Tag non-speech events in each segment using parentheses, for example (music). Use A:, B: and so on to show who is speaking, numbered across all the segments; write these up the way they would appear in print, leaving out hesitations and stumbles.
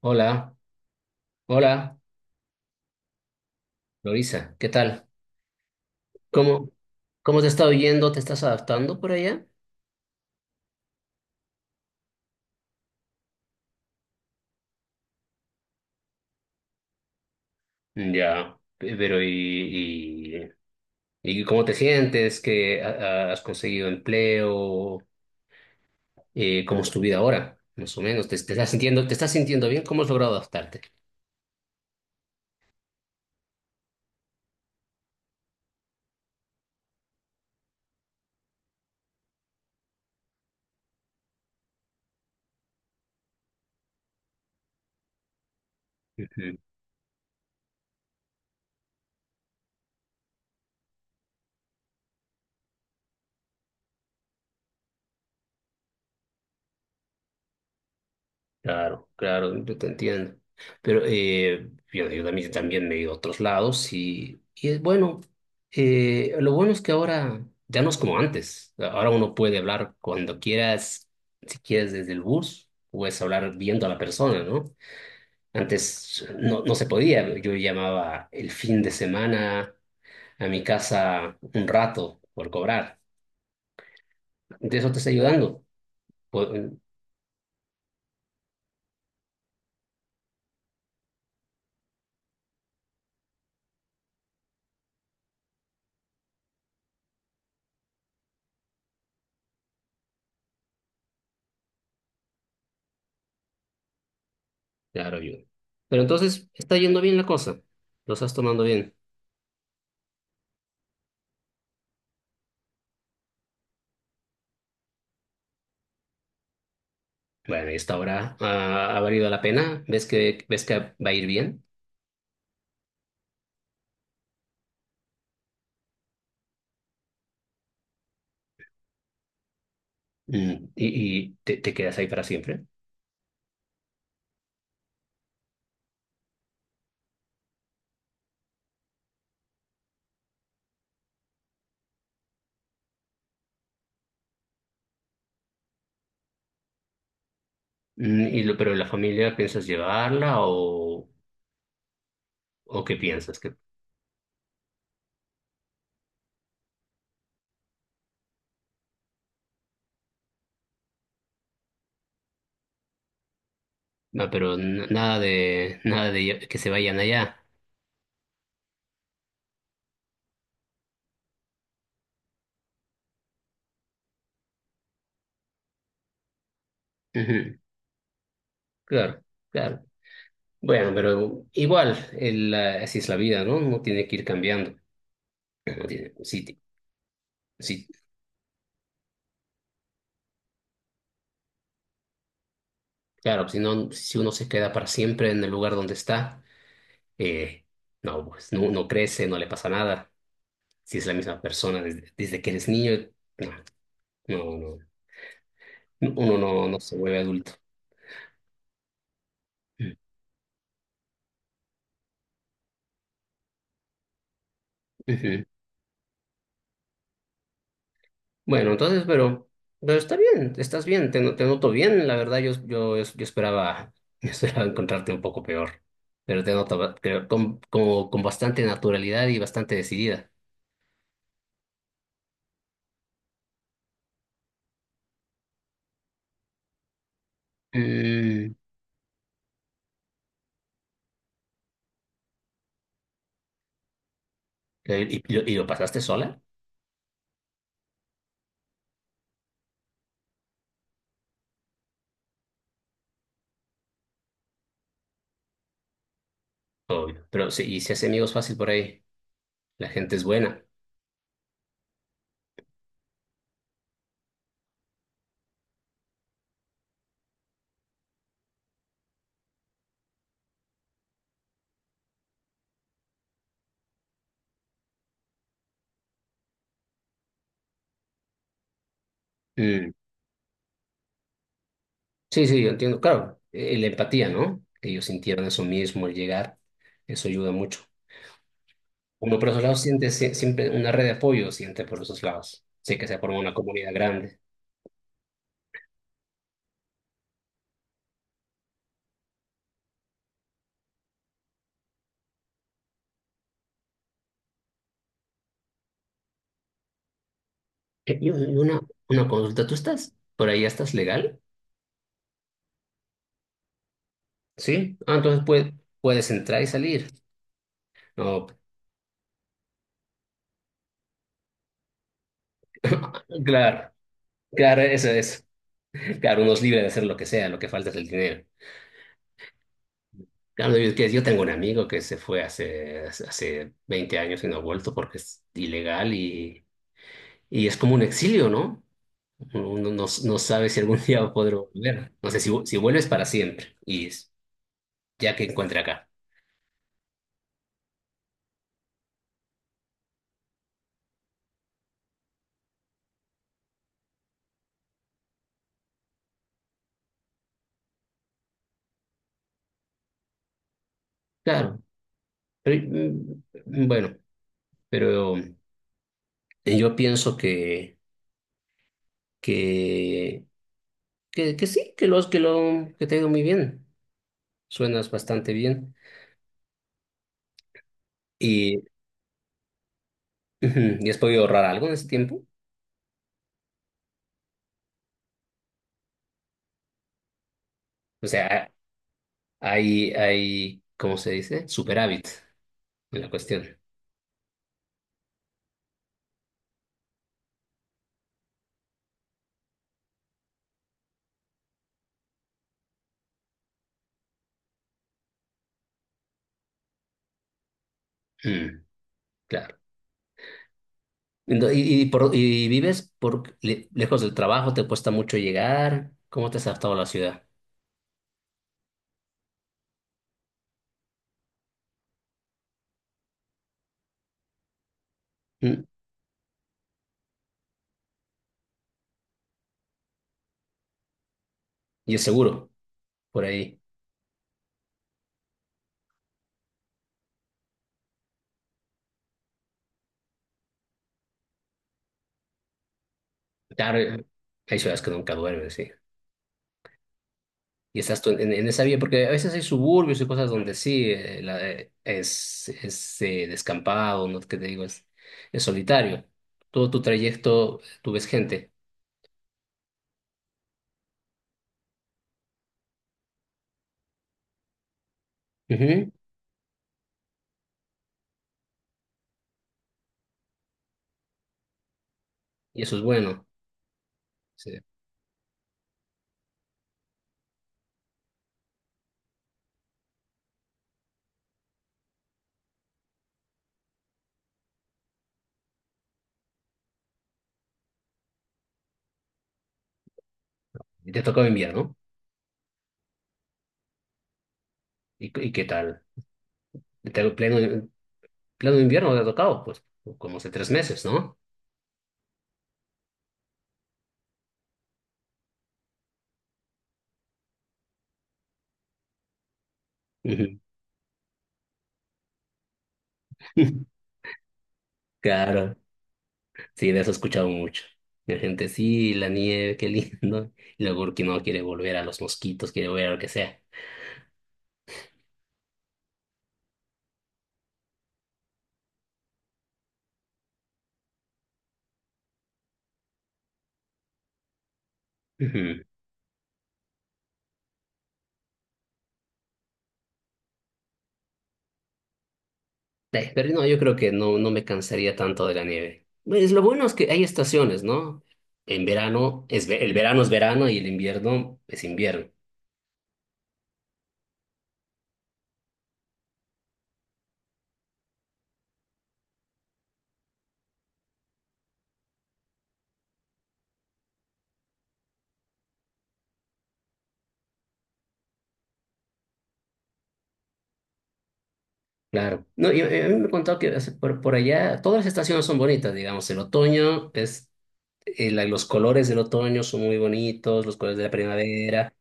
A: Hola, hola, Lorisa, ¿qué tal? ¿Cómo, cómo te está oyendo? ¿Te estás adaptando por allá? Ya, pero ¿y cómo te sientes? ¿Que has conseguido empleo? ¿Cómo es tu vida ahora? Más o menos, ¿te estás sintiendo, te estás sintiendo bien? ¿Cómo has logrado adaptarte? Claro, claro, yo te entiendo. Pero yo también, también me he ido a otros lados y es bueno, lo bueno es que ahora ya no es como antes. Ahora uno puede hablar cuando quieras, si quieres desde el bus, puedes hablar viendo a la persona, ¿no? Antes no, no se podía. Yo llamaba el fin de semana a mi casa un rato por cobrar. De eso te está ayudando. Pu- claro, ayuda. Pero entonces está yendo bien la cosa. Lo estás tomando bien. Bueno, y esta hora ha valido la pena. Ves que va a ir bien? Mm, ¿y te quedas ahí para siempre? Mm, y lo, pero la familia, ¿piensas llevarla o qué piensas? Que, no, pero nada de, nada de que se vayan allá. Ujú. Claro, claro. Bueno, pero igual, así es la vida, ¿no? Uno tiene que ir cambiando. Uno tiene, sí, sí, claro, si no, si uno se queda para siempre en el lugar donde está, eh, no, pues no, no crece, no le pasa nada. Si es la misma persona desde, desde que eres niño, no, no, no, uno no, no se vuelve adulto. Mm. Ujú. Bueno, entonces, pero está bien, estás bien, te, no- te noto bien, la verdad, yo esperaba, (laughs) yo esperaba encontrarte un poco peor, pero te noto creo, con, como, con bastante naturalidad y bastante decidida. Mm. ¿Y lo pasaste sola? Obvio, pero sí, y se hace amigos fácil por ahí, la gente es buena. Mm. Sí, sí, yo entiendo. Claro, la empatía, ¿no? Que ellos sintieron eso mismo al llegar, eso ayuda mucho. Uno por esos lados siente siempre una red de apoyo, siente por esos lados. Sé que se forma una comunidad grande. Y una consulta, ¿tú estás por ahí, estás legal? Sí. Ah, entonces puedes entrar y salir. No, (laughs) claro, claro, eso es. Claro, uno es libre de hacer lo que sea, lo que falta es el dinero. Claro, yo, yo tengo un amigo que se fue hace, hace 20 años y no ha vuelto porque es ilegal. Y es como un exilio, ¿no? Uno no, no sabe si algún (laughs) día podré volver. No sé si, si vuelves para siempre y es, ya que encuentre acá. Claro. Pero, mm, bueno, pero yo pienso que, que sí, que, los, que, lo, que te ha ido muy bien. Suenas bastante bien. Y, (clears throat) ujú, ¿y has podido ahorrar algo en ese tiempo? O sea, hay, ¿cómo se dice? Superávit en la cuestión. Mm, claro. Y y vives por lejos del trabajo, te cuesta mucho llegar. ¿Cómo te has adaptado a la ciudad? Mm, ¿y es seguro por ahí? Claro, hay ciudades que nunca duermen, sí. Y estás tú en esa vía, porque a veces hay suburbios y cosas donde sí, es descampado, no que te digo, es solitario. Todo tu trayecto, tú ves gente. Ujú. Y eso es bueno. Sí. Y te tocó enviar, ¿no? Y qué tal? ¿Te, pleno, pleno invierno te ha tocado, pues, como hace tres meses, ¿no? Ujú. (laughs) Claro, sí, de eso he escuchado mucho. La gente, sí, la nieve, qué lindo. Y luego que no quiere volver a los mosquitos, quiere volver a lo que sea. Ujú. Pero no, yo creo que no, no me cansaría tanto de la nieve. Pues lo bueno es que hay estaciones, ¿no? En verano, es, el verano es verano y el invierno es invierno. Claro. No, y a mí me han contado que hace por allá todas las estaciones son bonitas, digamos. El otoño es la- los colores del otoño son muy bonitos, los colores de la primavera,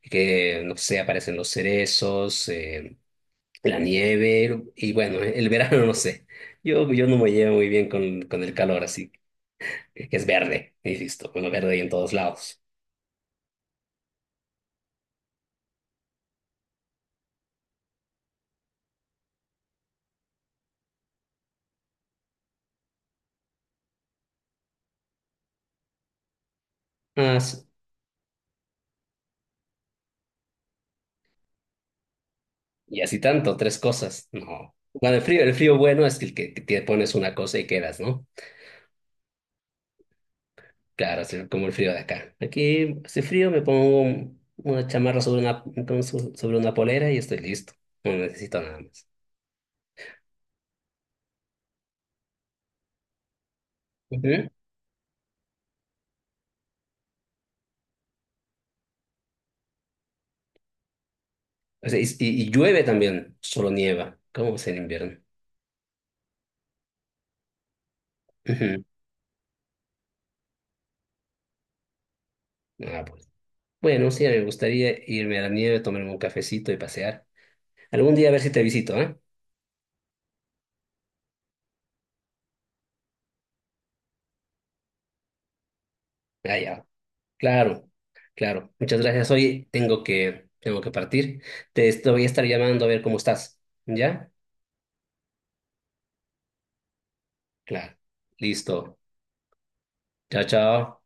A: que no sé, aparecen los cerezos, la nieve, y bueno, el verano (laughs) no sé. Yo no me llevo muy bien con el calor, así que es verde, y listo, bueno, verde ahí en todos lados. Ah, sí. Y así tanto, tres cosas, no. Bueno, el frío bueno es el que te pones una cosa y quedas, ¿no? Claro, hace como el frío de acá. Aquí hace frío, me pongo una chamarra sobre una, como sobre una polera y estoy listo. No necesito nada más. Ujú. O sea, y, y llueve también, solo nieva. ¿Cómo es el invierno? Ujú. Ah, pues. Bueno, sí, me gustaría irme a la nieve, tomarme un cafecito y pasear. Algún día a ver si te visito, ¿eh? Ah, ya. Claro, claro. Muchas gracias. Oye, tengo que partir. Te estoy, voy a estar llamando a ver cómo estás. ¿Ya? Claro. Listo. Chao, chao.